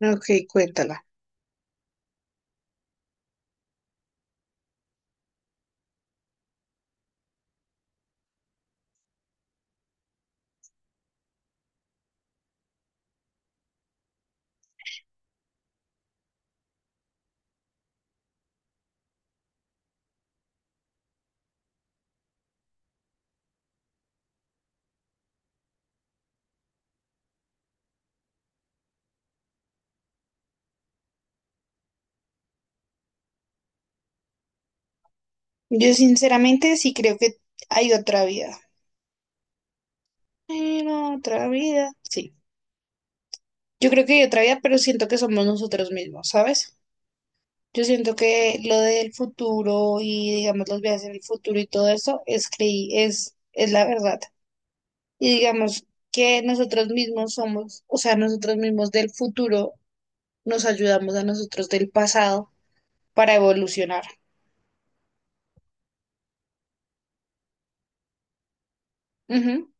Ok, cuéntala. Yo sinceramente sí creo que hay otra vida. Hay otra vida. Sí. Yo creo que hay otra vida, pero siento que somos nosotros mismos, ¿sabes? Yo siento que lo del futuro y, digamos, los viajes en el futuro y todo eso es la verdad. Y digamos que nosotros mismos somos, o sea, nosotros mismos del futuro nos ayudamos a nosotros del pasado para evolucionar. Ujú.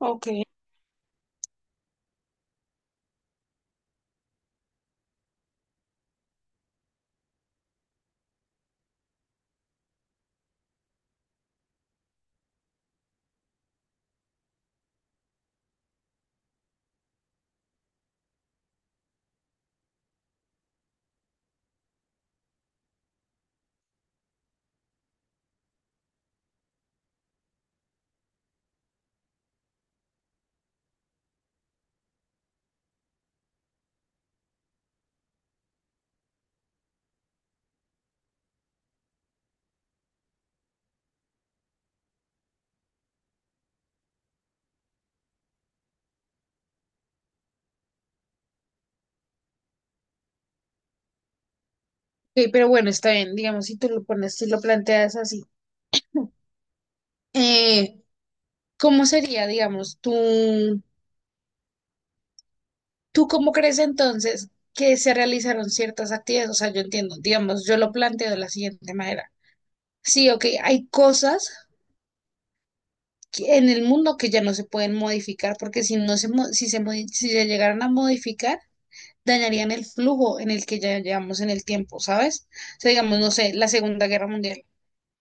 Ok. Ok, pero bueno, está bien, digamos, si tú lo pones, si lo planteas así. Eh, ¿Cómo sería, digamos, tú cómo crees entonces que se realizaron ciertas actividades? O sea, yo entiendo, digamos, yo lo planteo de la siguiente manera. Sí, ok, hay cosas en el mundo que ya no se pueden modificar porque si no se, mo- si se, modi- si se llegaran a modificar, dañarían el flujo en el que ya llevamos en el tiempo, ¿sabes? O sea, digamos, no sé, la Segunda Guerra Mundial.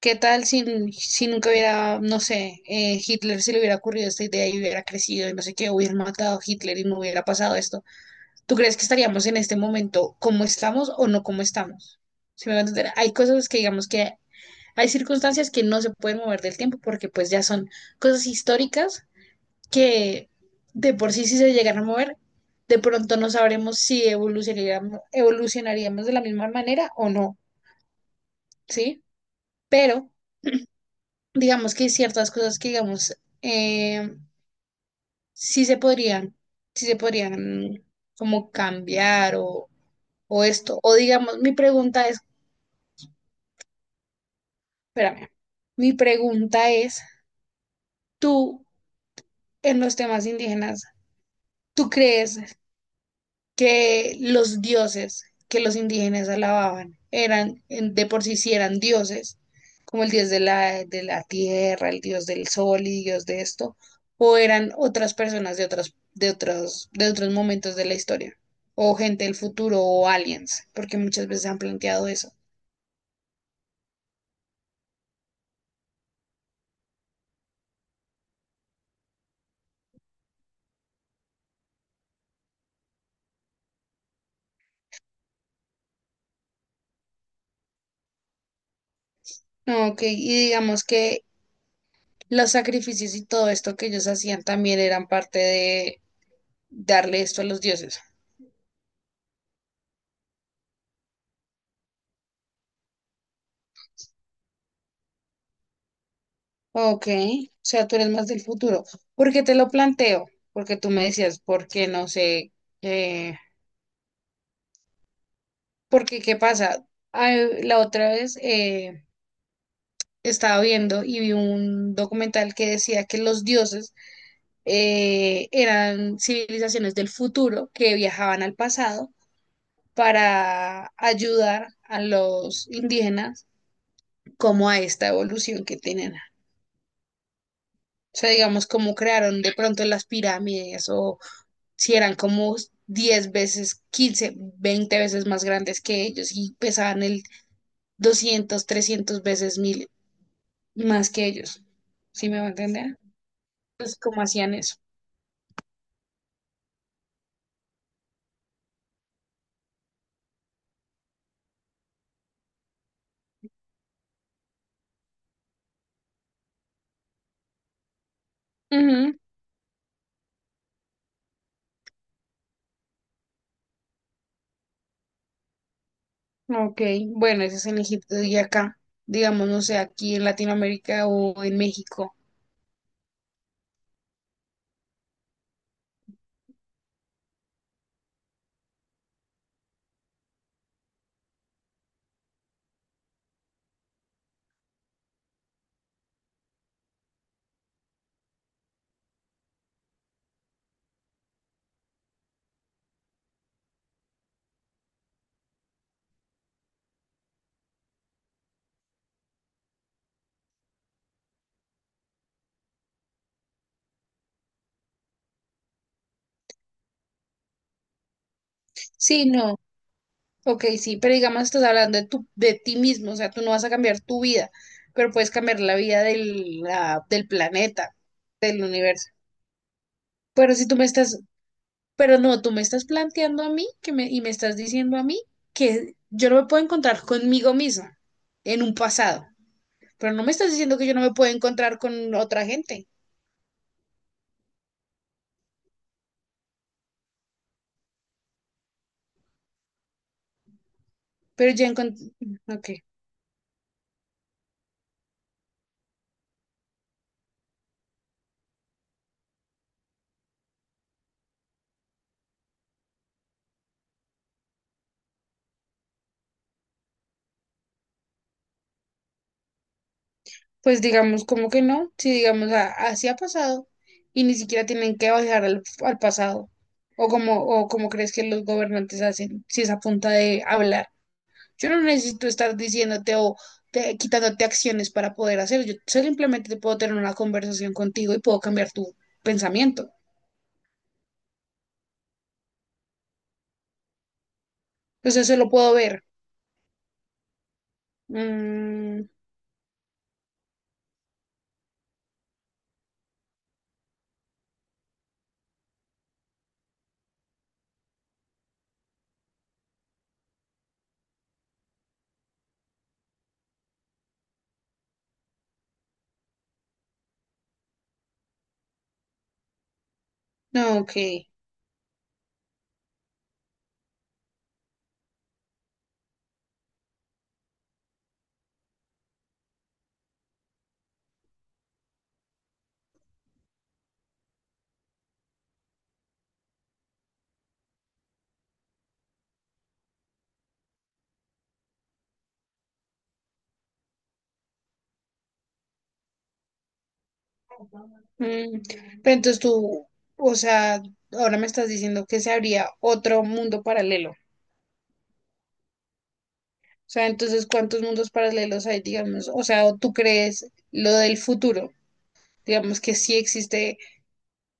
¿Qué tal si nunca hubiera, no sé, Hitler se le hubiera ocurrido esta idea y hubiera crecido y no sé qué, hubieran matado a Hitler y no hubiera pasado esto? ¿Tú crees que estaríamos en este momento como estamos o no como estamos? Si me va a entender, hay cosas que digamos que hay circunstancias que no se pueden mover del tiempo porque pues ya son cosas históricas que de por sí si se llegan a mover, de pronto no sabremos si evolucionaríamos, evolucionaríamos de la misma manera o no, ¿sí? Pero digamos que hay ciertas cosas que, digamos, sí se podrían, sí se podrían como cambiar o esto. O digamos, mi pregunta es, espérame, mi pregunta es, tú en los temas indígenas, ¿tú crees que los dioses que los indígenas alababan eran de por sí sí eran dioses, como el dios de la tierra, el dios del sol y dios de esto, o eran otras personas de otros momentos de la historia, o gente del futuro, o aliens, porque muchas veces han planteado eso. No, ok, y digamos que los sacrificios y todo esto que ellos hacían también eran parte de darle esto a los dioses. Ok, o sea, tú eres más del futuro. ¿Por qué te lo planteo? Porque tú me decías, porque no sé, eh, porque qué pasa. Ay, la otra vez estaba viendo y vi un documental que decía que los dioses eran civilizaciones del futuro que viajaban al pasado para ayudar a los indígenas como a esta evolución que tienen. O sea, digamos, cómo crearon de pronto las pirámides o si eran como 10 veces, 15, 20 veces más grandes que ellos y pesaban el 200, 300 veces mil más que ellos. ¿Sí me va a entender? Pues cómo hacían eso. Ujú. Ok, bueno, eso es en Egipto y acá, digamos, no sé, aquí en Latinoamérica o en México. Sí, no, ok, sí, pero digamos, estás hablando de ti mismo, o sea, tú no vas a cambiar tu vida, pero puedes cambiar la vida del planeta, del universo. Pero si tú me estás Pero no, tú me estás planteando a mí que y me estás diciendo a mí que yo no me puedo encontrar conmigo misma en un pasado, pero no me estás diciendo que yo no me puedo encontrar con otra gente, pero ya encontré, ok, pues digamos como que no, si digamos así ha pasado y ni siquiera tienen que bajar al pasado, o como crees que los gobernantes hacen, si es a punta de hablar. Yo no necesito estar diciéndote o quitándote acciones para poder hacer. Yo simplemente puedo tener una conversación contigo y puedo cambiar tu pensamiento. Entonces, eso lo puedo ver. Mm, no, ok. Mm, pero entonces tú, o sea, ahora me estás diciendo que se habría otro mundo paralelo. O sea, entonces, ¿cuántos mundos paralelos hay, digamos? O sea, ¿o ¿tú crees lo del futuro? Digamos que sí existe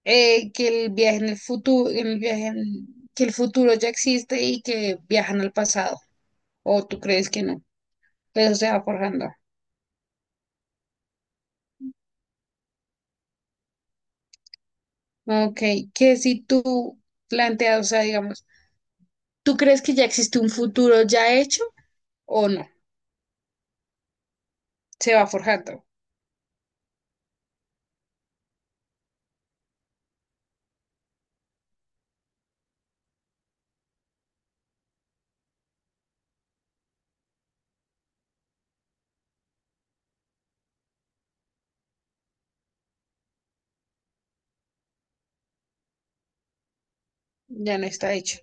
que el viaje en el futuro, que el futuro ya existe y que viajan al pasado, o tú crees que no, eso se va forjando. Ok, que si tú planteas, o sea, digamos, ¿tú crees que ya existe un futuro ya hecho o no? Se va forjando, ya no está hecho.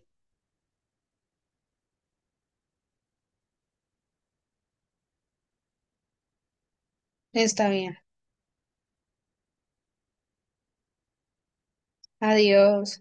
Está bien, adiós.